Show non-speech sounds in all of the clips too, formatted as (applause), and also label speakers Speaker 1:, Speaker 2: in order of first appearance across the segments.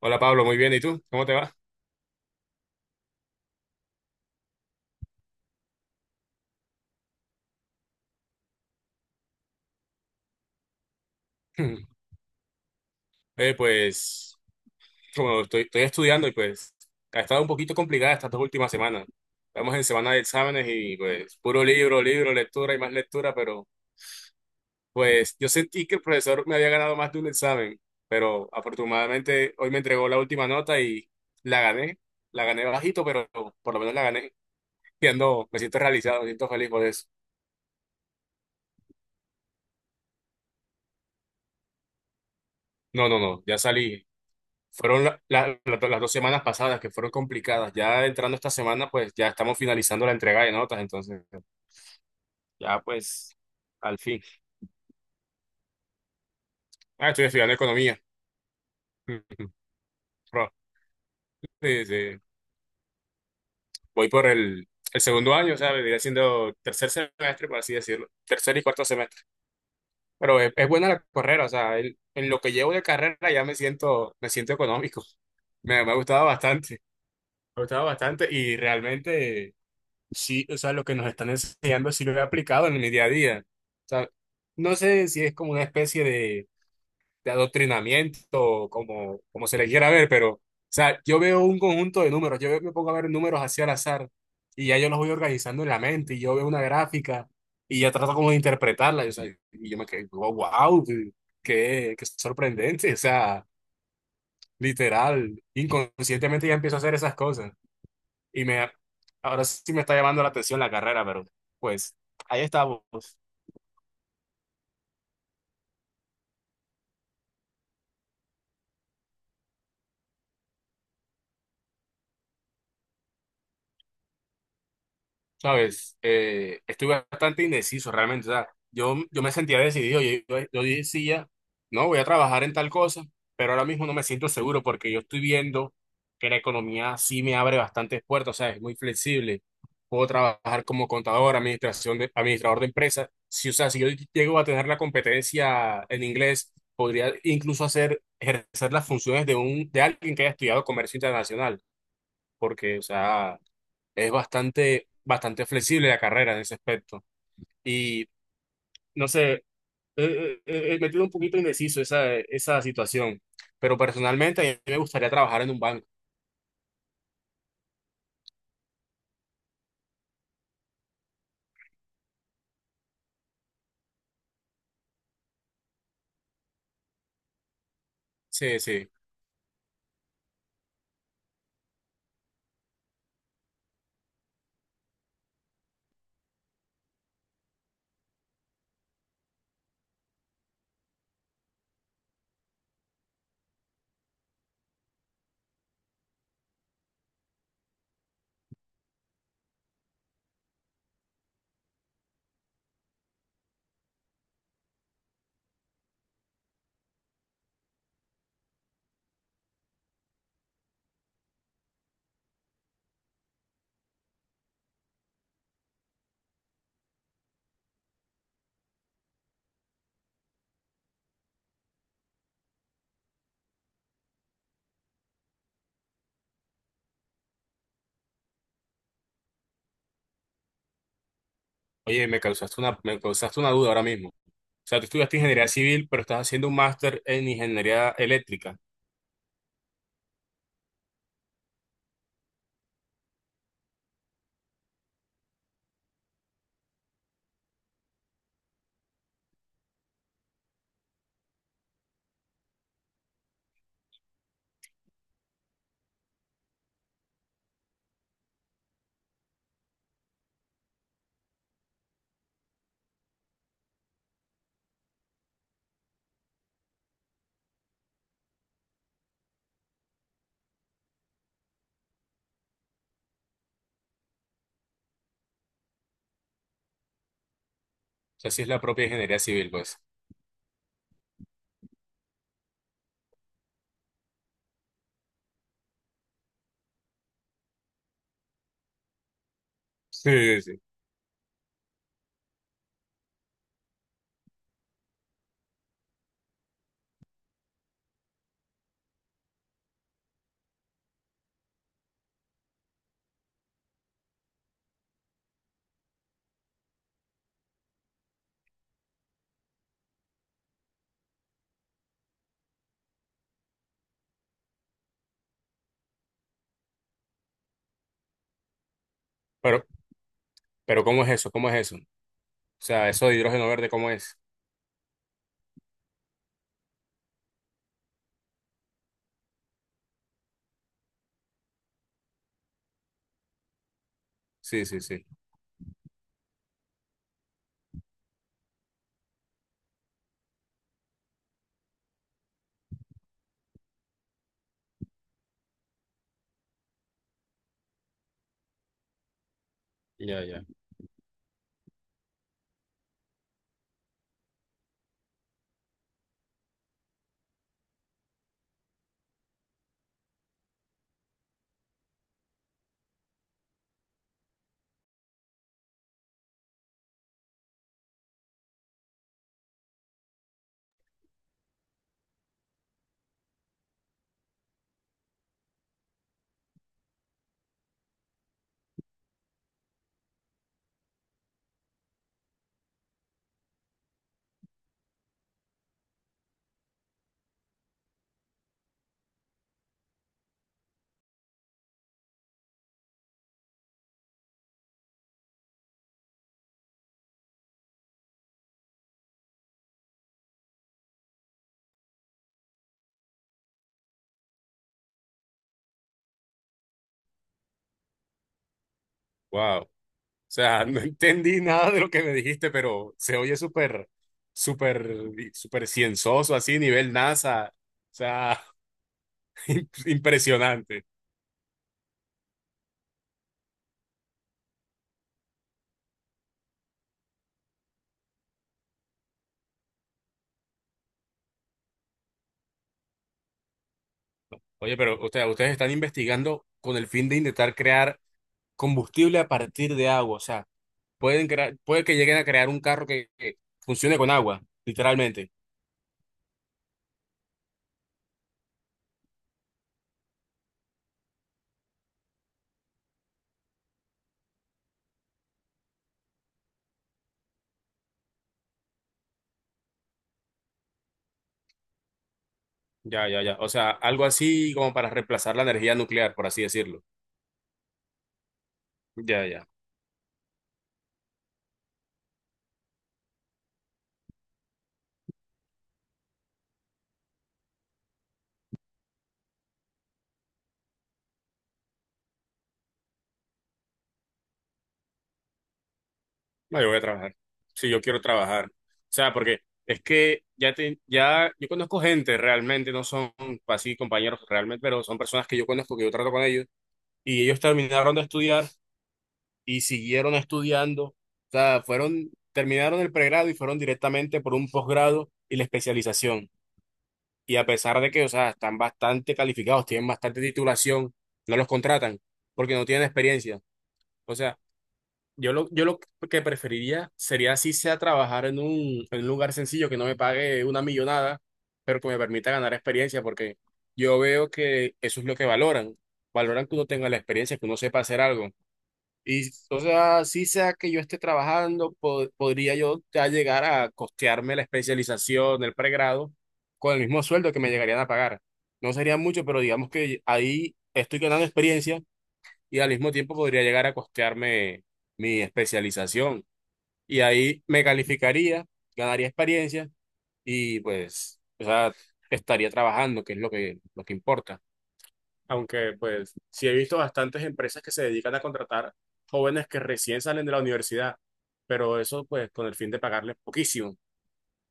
Speaker 1: Hola Pablo, muy bien. ¿Y tú? ¿Cómo te va? (clears throat) (laughs) Eh, pues, como estoy estudiando y pues ha estado un poquito complicada estas dos últimas semanas. Estamos en semana de exámenes y pues puro libro, libro, lectura y más lectura, pero pues yo sentí que el profesor me había ganado más de un examen, pero afortunadamente hoy me entregó la última nota y la gané. La gané bajito, pero por lo menos la gané. Me siento realizado, me siento feliz por eso. No, no, no, ya salí. Fueron las dos semanas pasadas que fueron complicadas. Ya entrando esta semana, pues ya estamos finalizando la entrega de notas, entonces ya pues al fin. Ah, estoy estudiando economía. (laughs) Pro- sí, sí. Voy por el segundo año, ¿sabes? Vendría siendo tercer semestre, por así decirlo. Tercer y cuarto semestre. Pero es buena la carrera, o sea, en lo que llevo de carrera ya me siento económico. Me ha gustado bastante. Me ha gustado bastante y realmente, sí, o sea, lo que nos están enseñando sí lo he aplicado en mi día a día. O sea, no sé si es como una especie de adoctrinamiento, o como, como se le quiera ver, pero, o sea, yo veo un conjunto de números, me pongo a ver números así al azar, y ya yo los voy organizando en la mente, y yo veo una gráfica, y ya trato como de interpretarla, y, o sea, y yo me quedo, wow, qué, qué sorprendente, o sea, literal, inconscientemente ya empiezo a hacer esas cosas. Y me, ahora sí me está llamando la atención la carrera, pero pues ahí estamos. Sabes, estoy bastante indeciso realmente. O sea, yo me sentía decidido. Yo decía, no, voy a trabajar en tal cosa, pero ahora mismo no me siento seguro porque yo estoy viendo que la economía sí me abre bastantes puertas. O sea, es muy flexible. Puedo trabajar como contador, administración de, administrador de empresas. Si, o sea, si yo llego a tener la competencia en inglés, podría incluso hacer, ejercer las funciones de un, de alguien que haya estudiado comercio internacional. Porque, o sea, es bastante, bastante flexible la carrera en ese aspecto. Y no sé, me tiene un poquito indeciso esa situación, pero personalmente a mí me gustaría trabajar en un banco. Sí, sí. Oye, me causaste me causaste una duda ahora mismo. O sea, tú estudiaste ingeniería civil, pero estás haciendo un máster en ingeniería eléctrica. O sea, sí es la propia ingeniería civil, pues. Sí, sí, sí. Pero, pero ¿cómo es eso? ¿Cómo es eso? O sea, eso de hidrógeno verde, ¿cómo es? Sí, sí, sí. Ya, ya. Wow. O sea, no entendí nada de lo que me dijiste, pero se oye súper, súper, súper cienzoso, así, nivel NASA. O sea, (laughs) impresionante. Oye, pero ustedes están investigando con el fin de intentar crear combustible a partir de agua. O sea, pueden crear, puede que lleguen a crear un carro que funcione con agua, literalmente. Ya, ya, ya. O sea, algo así como para reemplazar la energía nuclear, por así decirlo. Ya, ya. No, yo voy a trabajar. Sí, yo quiero trabajar. O sea, porque es que ya te, ya yo conozco gente realmente, no son así compañeros realmente, pero son personas que yo conozco, que yo trato con ellos, y ellos terminaron de estudiar y siguieron estudiando. O sea, fueron, terminaron el pregrado y fueron directamente por un posgrado y la especialización. Y a pesar de que, o sea, están bastante calificados, tienen bastante titulación, no los contratan porque no tienen experiencia. O sea, yo lo que preferiría sería así sea trabajar en un lugar sencillo que no me pague una millonada, pero que me permita ganar experiencia, porque yo veo que eso es lo que valoran. Valoran que uno tenga la experiencia, que uno sepa hacer algo. Y o sea, así sea que yo esté trabajando, podría yo ya llegar a costearme la especialización, el pregrado, con el mismo sueldo que me llegarían a pagar. No sería mucho, pero digamos que ahí estoy ganando experiencia y al mismo tiempo podría llegar a costearme mi especialización. Y ahí me calificaría, ganaría experiencia y pues, o sea, estaría trabajando, que es lo que importa. Aunque pues sí he visto bastantes empresas que se dedican a contratar jóvenes que recién salen de la universidad, pero eso pues con el fin de pagarles poquísimo.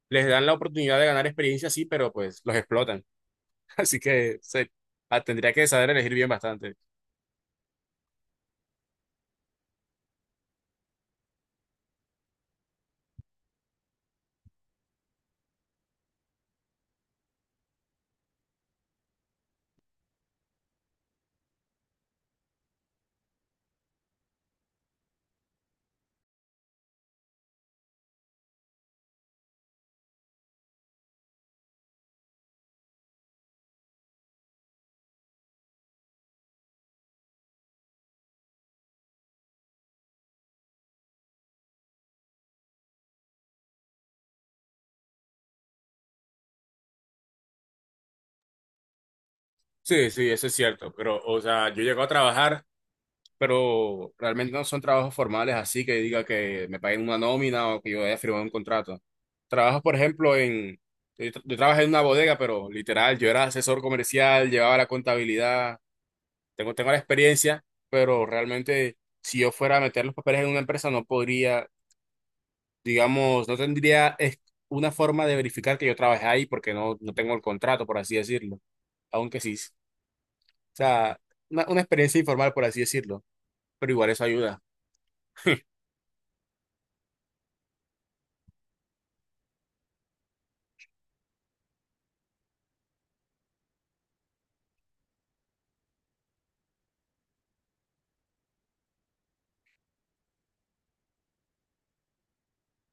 Speaker 1: Les dan la oportunidad de ganar experiencia, sí, pero pues los explotan. (laughs) Así que se, ah, tendría que saber elegir bien bastante. Sí, sí, eso es cierto, pero o sea, yo llego a trabajar pero realmente no son trabajos formales así que diga que me paguen una nómina o que yo haya firmado un contrato. Trabajo, por ejemplo, en... Yo trabajé en una bodega, pero literal, yo era asesor comercial, llevaba la contabilidad, tengo la experiencia, pero realmente si yo fuera a meter los papeles en una empresa no podría, digamos, no tendría es- una forma de verificar que yo trabajé ahí porque no, no tengo el contrato, por así decirlo. Aunque sí, o sea, una experiencia informal, por así decirlo, pero igual eso ayuda.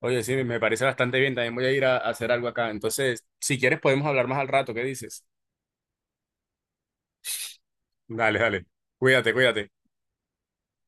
Speaker 1: Oye, sí, me parece bastante bien. También voy a ir a hacer algo acá. Entonces, si quieres, podemos hablar más al rato. ¿Qué dices? Dale, dale. Cuídate, cuídate.